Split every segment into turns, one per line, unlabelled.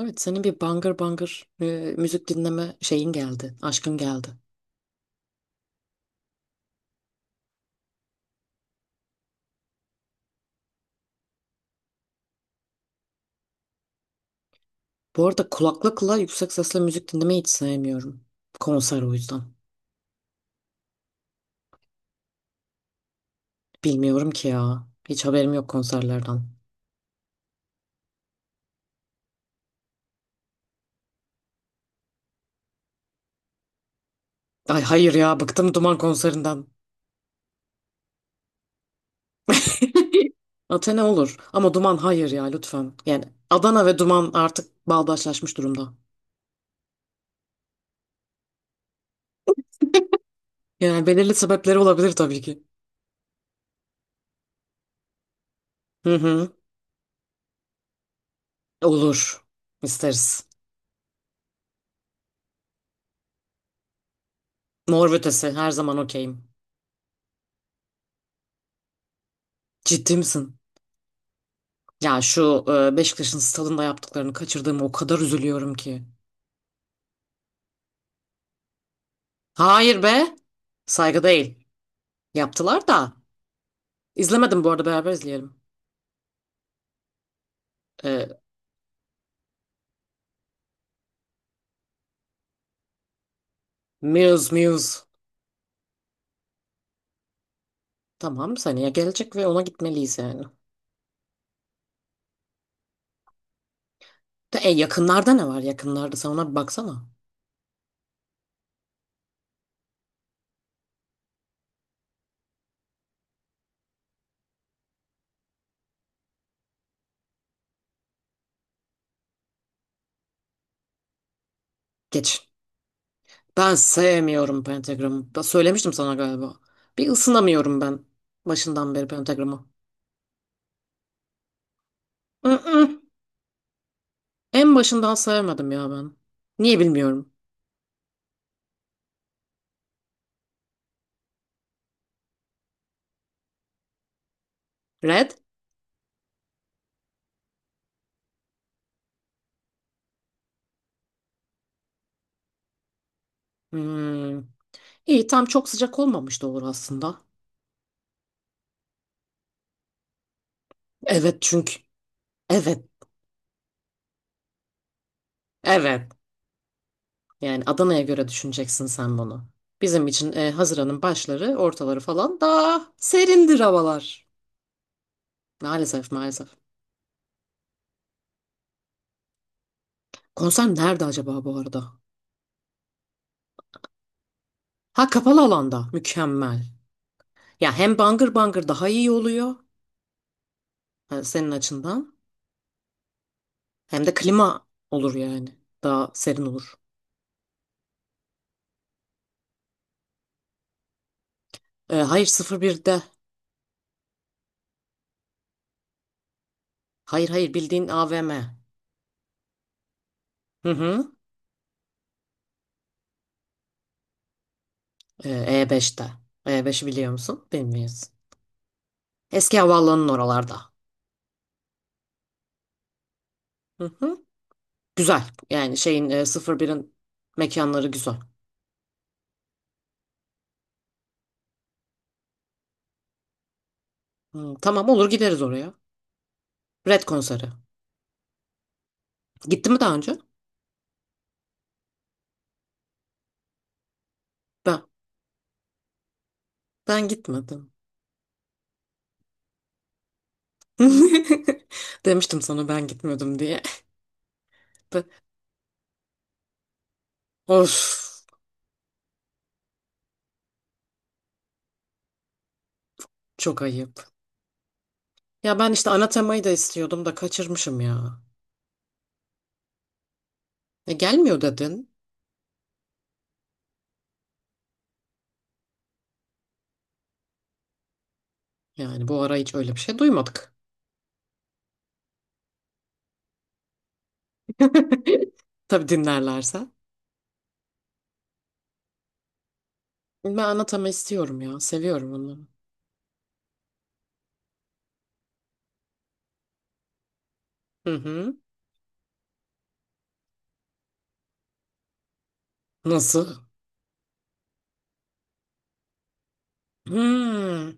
Evet senin bir bangır bangır müzik dinleme şeyin geldi. Aşkın geldi. Bu arada kulaklıkla yüksek sesle müzik dinlemeyi hiç sevmiyorum. Konser o yüzden. Bilmiyorum ki ya. Hiç haberim yok konserlerden. Ay hayır ya, bıktım Duman konserinden. Athena olur ama Duman hayır ya, lütfen. Yani Adana ve Duman artık bağdaşlaşmış durumda. Yani belirli sebepleri olabilir tabii ki. Hı hı. Olur. İsteriz. Mor ve Ötesi her zaman okeyim. Ciddi misin? Ya şu Beşiktaş'ın stadında yaptıklarını kaçırdığımı o kadar üzülüyorum ki. Hayır be. Saygı değil. Yaptılar da. İzlemedim, bu arada beraber izleyelim. E, Muse, Muse. Tamam, seneye gelecek ve ona gitmeliyiz yani. Yakınlarda ne var, yakınlarda sen ona bir baksana. Geç. Ben sevmiyorum Pentagram'ı. Ben söylemiştim sana galiba. Bir ısınamıyorum ben başından beri Pentagram'ı. Mm-mm. En başından sevmedim ya ben. Niye bilmiyorum. Red? Hmm. İyi, tam çok sıcak olmamış da olur aslında. Evet, çünkü. Evet. Evet. Yani Adana'ya göre düşüneceksin sen bunu. Bizim için Haziran'ın başları, ortaları falan daha serindir havalar. Maalesef, maalesef. Konser nerede acaba bu arada? Ha, kapalı alanda. Mükemmel. Ya hem bangır bangır daha iyi oluyor senin açından. Hem de klima olur yani. Daha serin olur. Hayır, 01'de. Hayır, hayır, bildiğin AVM. Hı hı. E5'te. E5'i biliyor musun? Bilmiyorsun. Eski havaalanının oralarda. Hı hı. Güzel. Yani şeyin, 01'in mekanları güzel. Hı, tamam, olur gideriz oraya. Red konseri. Gitti mi daha önce? Ben, ben gitmedim. Demiştim sana ben gitmedim diye. Be- Of, çok ayıp. Ya ben işte ana temayı da istiyordum da kaçırmışım ya. Gelmiyor dedin. Yani bu ara hiç öyle bir şey duymadık. Tabii, dinlerlerse. Ben anlatama istiyorum ya. Seviyorum onu. Hı hı. Nasıl? Hmm.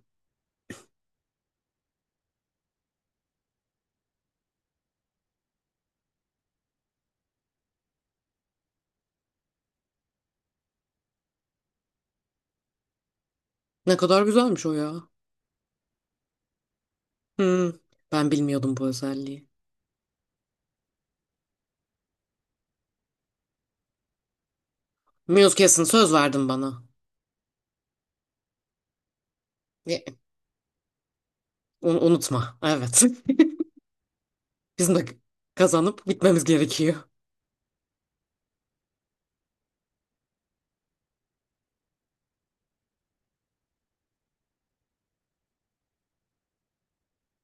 Ne kadar güzelmiş o ya. Hmm. Ben bilmiyordum bu özelliği. Muse kesin, söz verdin bana. E, unutma. Evet. Bizim de kazanıp gitmemiz gerekiyor.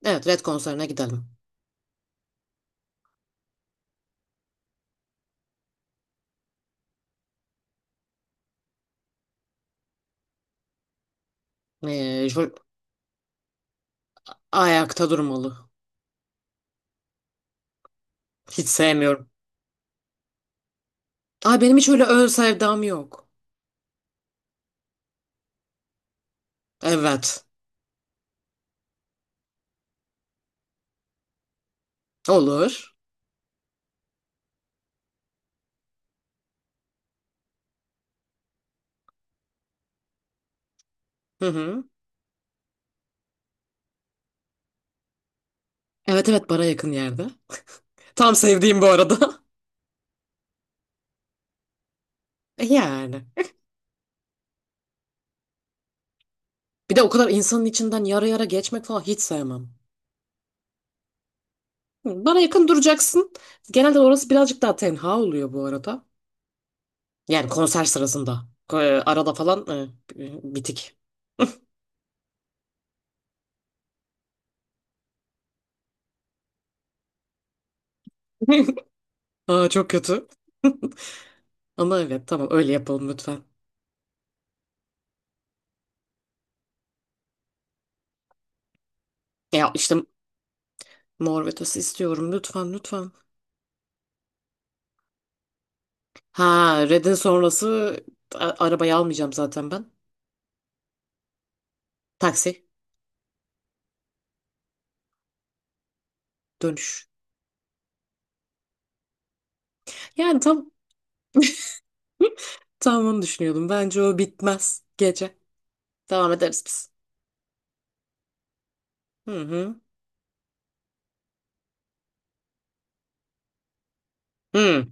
Evet, Red konserine gidelim. Şöyle, ayakta durmalı. Hiç sevmiyorum. Ay, benim hiç öyle ön sevdam yok. Evet. Olur. Hı hı. Evet, evet, bana yakın yerde. Tam sevdiğim bu arada. Yani. Bir de o kadar insanın içinden yara yara geçmek falan hiç sevmem. Hı, bana yakın duracaksın. Genelde orası birazcık daha tenha oluyor bu arada. Yani konser sırasında. Arada falan bitik. Aa, çok kötü. Ama evet, tamam, öyle yapalım lütfen. Ya işte Mor ve Ötesi istiyorum, lütfen lütfen. Ha, Red'in sonrası arabayı almayacağım zaten ben. Taksi, dönüş. Yani tam onu düşünüyordum. Bence o bitmez gece. Devam ederiz biz. Hı hı. Hı.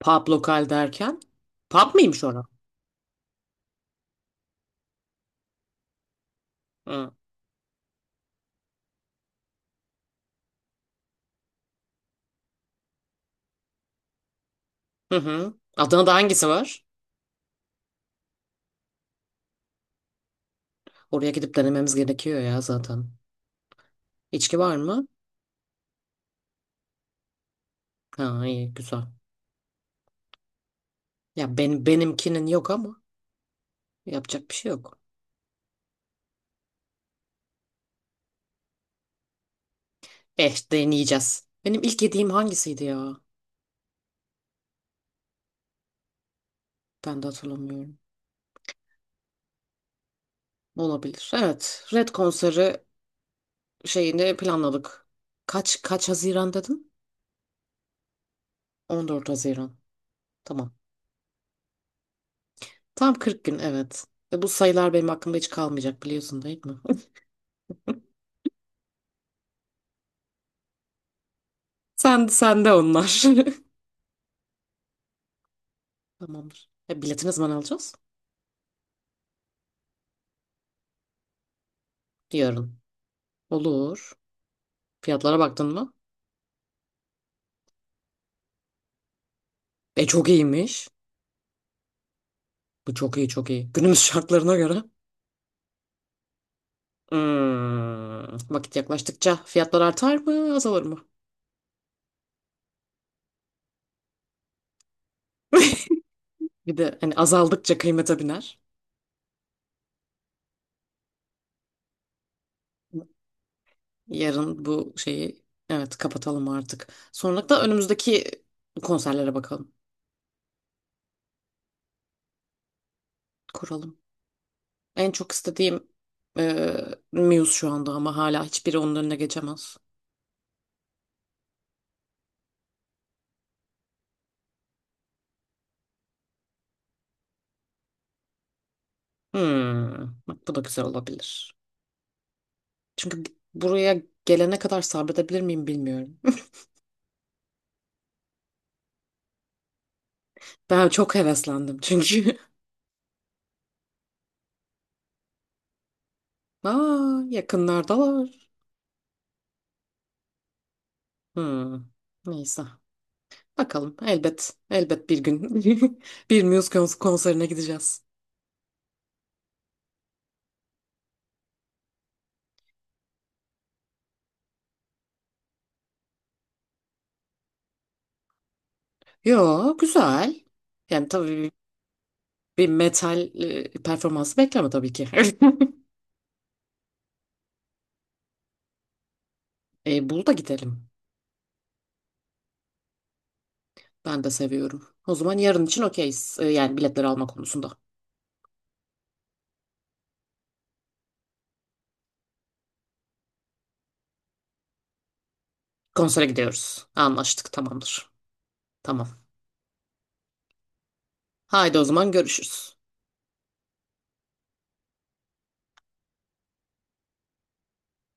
Pub lokal derken? Pub mıymış orası? Hı. Hı hı. Adana'da hangisi var? Oraya gidip denememiz gerekiyor ya zaten. İçki var mı? Ha, iyi, güzel. Ya benimkinin yok ama yapacak bir şey yok. Eh, deneyeceğiz. Benim ilk yediğim hangisiydi ya? Ben de hatırlamıyorum. Olabilir. Evet. Red konseri şeyini planladık. Kaç Haziran dedin? 14 Haziran. Tamam. Tam 40 gün, evet. Bu sayılar benim aklımda hiç kalmayacak, biliyorsun değil mi? Sen de onlar. Tamamdır. Bileti ne zaman alacağız? Yarın. Olur. Fiyatlara baktın mı? Çok iyiymiş. Bu çok iyi, çok iyi. Günümüz şartlarına göre. Hmm, vakit yaklaştıkça fiyatlar artar mı, azalır mı? Bir de hani azaldıkça kıymete biner. Yarın bu şeyi, evet, kapatalım artık. Sonra da önümüzdeki konserlere bakalım. Kuralım. En çok istediğim e, Muse şu anda, ama hala hiçbiri onun önüne geçemez. Hmm, bak, bu da güzel olabilir. Çünkü buraya gelene kadar sabredebilir miyim bilmiyorum. Ben çok heveslendim çünkü. Aa, yakınlardalar. Hmm, neyse. Bakalım, elbet elbet bir gün bir Muse konserine gideceğiz. Yo, güzel. Yani tabii bir metal performansı bekleme tabii ki. Bunu da gidelim. Ben de seviyorum. O zaman yarın için okeyiz. Yani biletleri alma konusunda. Konsere gidiyoruz. Anlaştık, tamamdır. Tamam. Haydi o zaman, görüşürüz.